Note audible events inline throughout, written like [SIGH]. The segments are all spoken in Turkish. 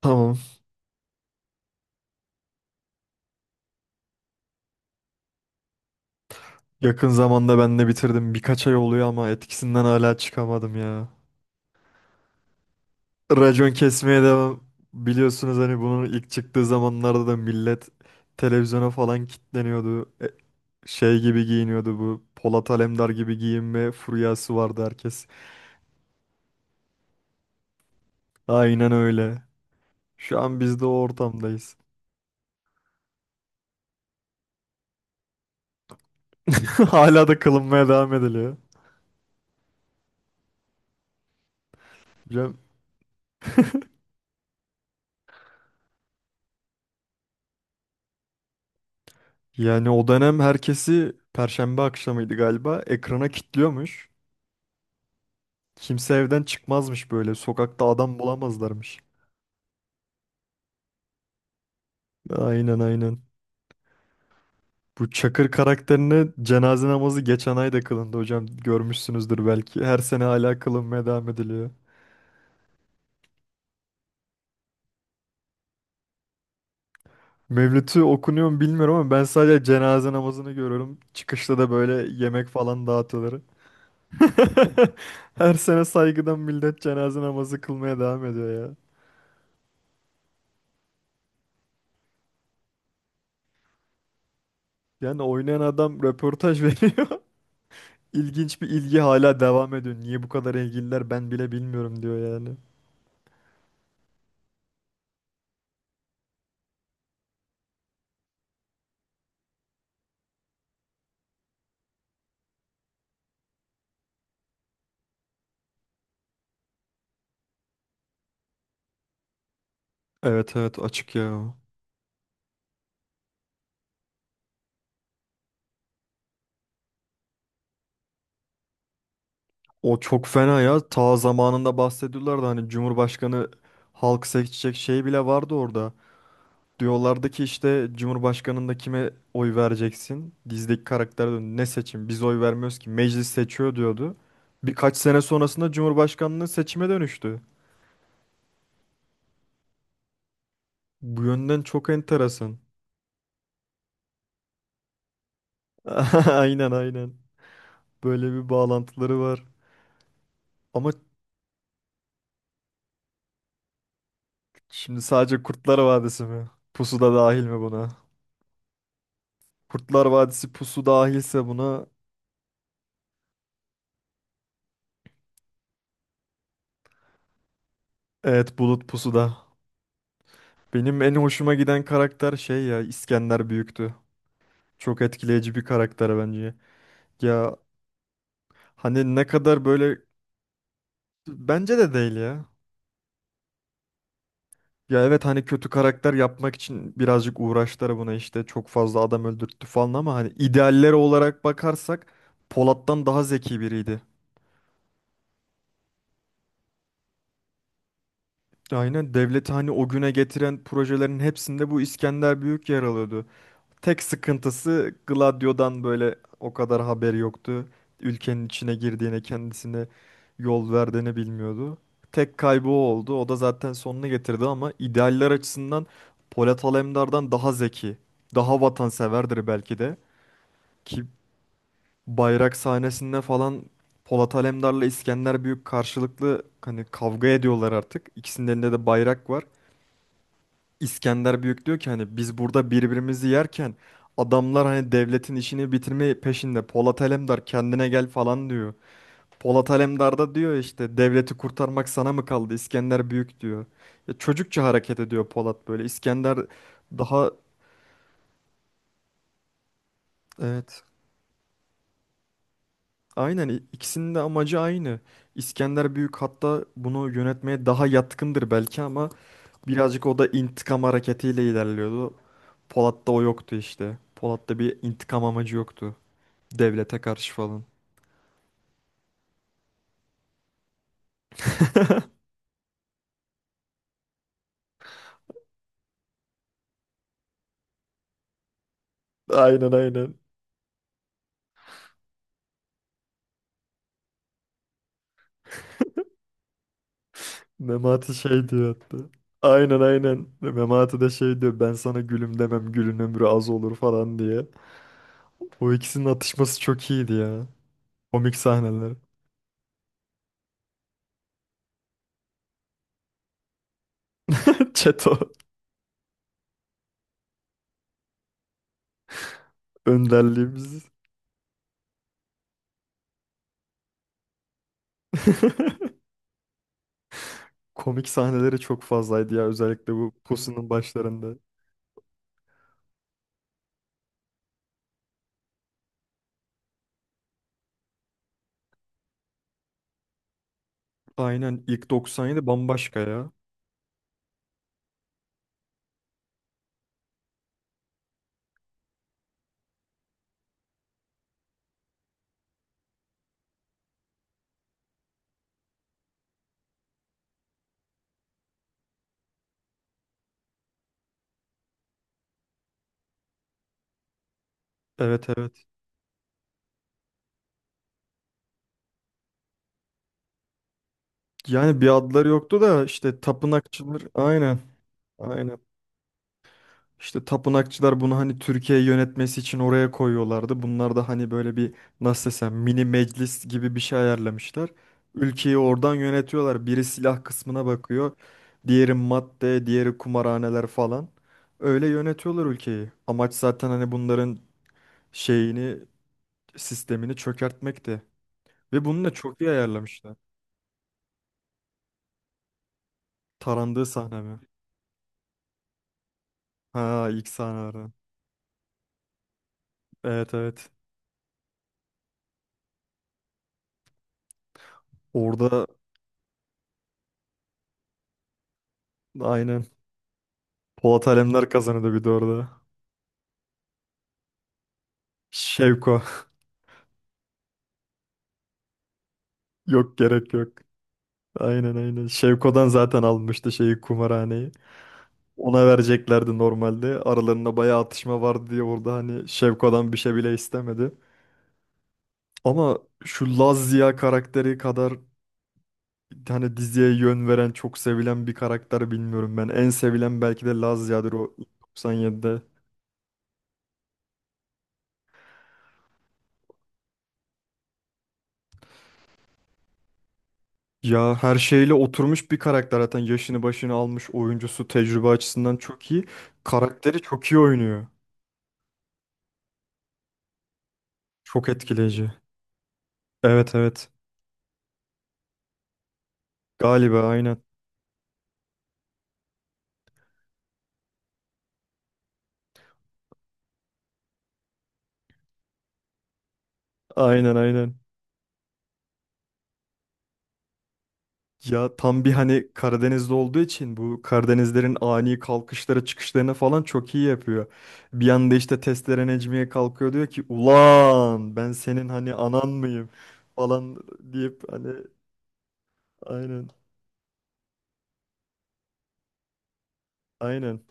Tamam. Yakın zamanda ben de bitirdim. Birkaç ay oluyor ama etkisinden hala çıkamadım ya. Racon kesmeye devam. Biliyorsunuz hani bunun ilk çıktığı zamanlarda da millet televizyona falan kilitleniyordu. Şey gibi giyiniyordu bu. Polat Alemdar gibi giyinme furyası vardı herkes. Aynen öyle. Şu an biz de o ortamdayız. [LAUGHS] Hala da kılınmaya devam ediliyor. Hocam, yani o dönem herkesi Perşembe akşamıydı galiba. Ekrana kilitliyormuş. Kimse evden çıkmazmış böyle. Sokakta adam bulamazlarmış. Aynen aynen. Bu Çakır karakterine cenaze namazı geçen ay da kılındı hocam. Görmüşsünüzdür belki. Her sene hala kılınmaya devam ediliyor. Mevlüt'ü okunuyor mu bilmiyorum ama ben sadece cenaze namazını görüyorum. Çıkışta da böyle yemek falan dağıtıyorlar. [LAUGHS] Her sene saygıdan millet cenaze namazı kılmaya devam ediyor ya. Yani oynayan adam röportaj [LAUGHS] veriyor. İlginç bir ilgi hala devam ediyor. Niye bu kadar ilgililer ben bile bilmiyorum diyor yani. Evet evet, açık ya. O çok fena ya. Ta zamanında bahsediyorlardı hani Cumhurbaşkanı halk seçecek şey bile vardı orada. Diyorlardı ki işte Cumhurbaşkanında kime oy vereceksin? Dizdeki karakter diyor, ne seçim biz oy vermiyoruz ki meclis seçiyor diyordu. Birkaç sene sonrasında Cumhurbaşkanlığı seçime dönüştü. Bu yönden çok enteresan. [LAUGHS] Aynen aynen. Böyle bir bağlantıları var. Ama şimdi sadece Kurtlar Vadisi mi? Pusu da dahil mi buna? Kurtlar Vadisi pusu dahilse buna evet Bulut pusuda. Benim en hoşuma giden karakter şey ya, İskender Büyük'tü. Çok etkileyici bir karakter bence. Ya hani ne kadar böyle, bence de değil ya. Ya evet hani kötü karakter yapmak için birazcık uğraştılar buna işte çok fazla adam öldürttü falan ama hani idealleri olarak bakarsak Polat'tan daha zeki biriydi. Aynen devleti hani o güne getiren projelerin hepsinde bu İskender Büyük yer alıyordu. Tek sıkıntısı Gladio'dan böyle o kadar haberi yoktu. Ülkenin içine girdiğini, kendisine yol verdiğini bilmiyordu. Tek kaybı o oldu. O da zaten sonunu getirdi ama idealler açısından Polat Alemdar'dan daha zeki, daha vatanseverdir belki de. Ki bayrak sahnesinde falan Polat Alemdar'la İskender Büyük karşılıklı hani kavga ediyorlar artık. İkisinin elinde de bayrak var. İskender Büyük diyor ki hani biz burada birbirimizi yerken adamlar hani devletin işini bitirme peşinde. Polat Alemdar kendine gel falan diyor. Polat Alemdar da diyor işte devleti kurtarmak sana mı kaldı İskender Büyük diyor. Ya çocukça hareket ediyor Polat böyle. İskender daha evet aynen ikisinin de amacı aynı. İskender Büyük hatta bunu yönetmeye daha yatkındır belki ama birazcık o da intikam hareketiyle ilerliyordu. Polat'ta o yoktu işte. Polat'ta bir intikam amacı yoktu. Devlete karşı falan. [LAUGHS] Aynen aynen. Memati şey diyor hatta. Aynen aynen. Memati de şey diyor ben sana gülüm demem gülün ömrü az olur falan diye. O ikisinin atışması çok iyiydi ya. Komik sahneler. [LAUGHS] Çeto önderliğimiz. [LAUGHS] Komik sahneleri çok fazlaydı ya, özellikle bu pusunun başlarında. Aynen ilk 97 bambaşka ya. Evet evet. Yani bir adları yoktu da işte tapınakçılar aynen. Aynen. İşte tapınakçılar bunu hani Türkiye'yi yönetmesi için oraya koyuyorlardı. Bunlar da hani böyle bir, nasıl desem mini meclis gibi bir şey ayarlamışlar. Ülkeyi oradan yönetiyorlar. Biri silah kısmına bakıyor. Diğeri madde, diğeri kumarhaneler falan. Öyle yönetiyorlar ülkeyi. Amaç zaten hani bunların şeyini, sistemini çökertmekti. Ve bunu da çok iyi ayarlamışlar. Tarandığı sahne mi? Ha ilk sahnelerden. Evet evet. Orada aynen Polat Alemdar kazanıyordu bir de orada. Şevko. [LAUGHS] Yok gerek yok. Aynen aynen. Şevko'dan zaten almıştı şeyi kumarhaneyi. Ona vereceklerdi normalde. Aralarında bayağı atışma vardı diye orada hani Şevko'dan bir şey bile istemedi. Ama şu Laz Ziya karakteri kadar hani diziye yön veren çok sevilen bir karakter bilmiyorum ben. En sevilen belki de Laz Ziya'dır o 97'de. Ya her şeyle oturmuş bir karakter, zaten yaşını başını almış oyuncusu tecrübe açısından çok iyi. Karakteri çok iyi oynuyor. Çok etkileyici. Evet evet. Galiba aynen. Aynen aynen. Ya tam bir hani Karadeniz'de olduğu için bu Karadenizlerin ani kalkışlara çıkışlarına falan çok iyi yapıyor. Bir anda işte testere Necmiye kalkıyor diyor ki ulan ben senin hani anan mıyım falan deyip hani, aynen aynen.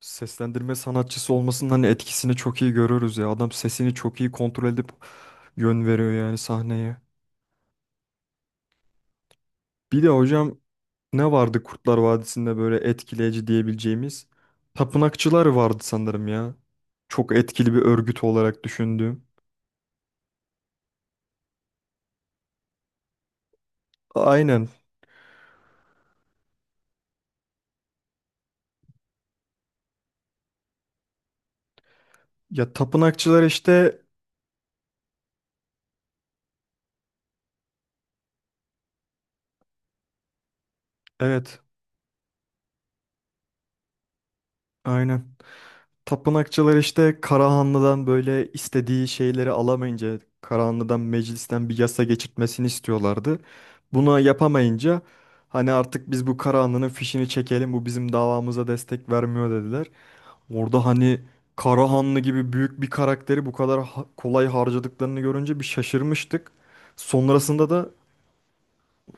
Seslendirme sanatçısı olmasının hani etkisini çok iyi görürüz ya. Adam sesini çok iyi kontrol edip yön veriyor yani sahneye. Bir de hocam ne vardı Kurtlar Vadisi'nde böyle etkileyici diyebileceğimiz? Tapınakçılar vardı sanırım ya. Çok etkili bir örgüt olarak düşündüğüm. Aynen. Ya tapınakçılar işte evet aynen. Tapınakçılar işte Karahanlı'dan böyle istediği şeyleri alamayınca Karahanlı'dan meclisten bir yasa geçirtmesini istiyorlardı. Buna yapamayınca hani artık biz bu Karahanlı'nın fişini çekelim bu bizim davamıza destek vermiyor dediler. Orada hani Karahanlı gibi büyük bir karakteri bu kadar kolay harcadıklarını görünce bir şaşırmıştık. Sonrasında da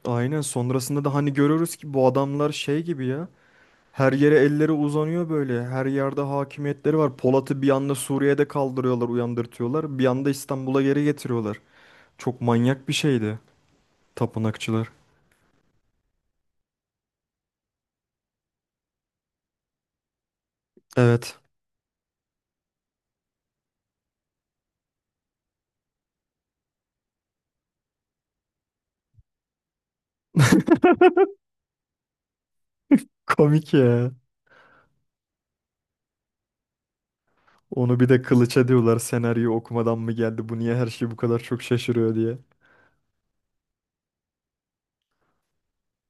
aynen, sonrasında da hani görüyoruz ki bu adamlar şey gibi ya. Her yere elleri uzanıyor böyle. Her yerde hakimiyetleri var. Polat'ı bir anda Suriye'de kaldırıyorlar, uyandırtıyorlar. Bir anda İstanbul'a geri getiriyorlar. Çok manyak bir şeydi tapınakçılar. Evet. [LAUGHS] Komik ya. Onu bir de kılıç ediyorlar senaryo okumadan mı geldi bu niye her şey bu kadar çok şaşırıyor diye.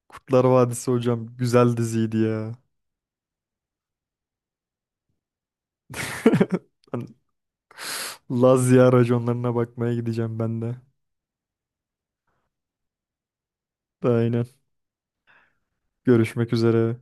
Kurtlar Vadisi hocam güzel diziydi ya. [LAUGHS] Ben Lazia raconlarına bakmaya gideceğim ben de. Aynen. Görüşmek üzere.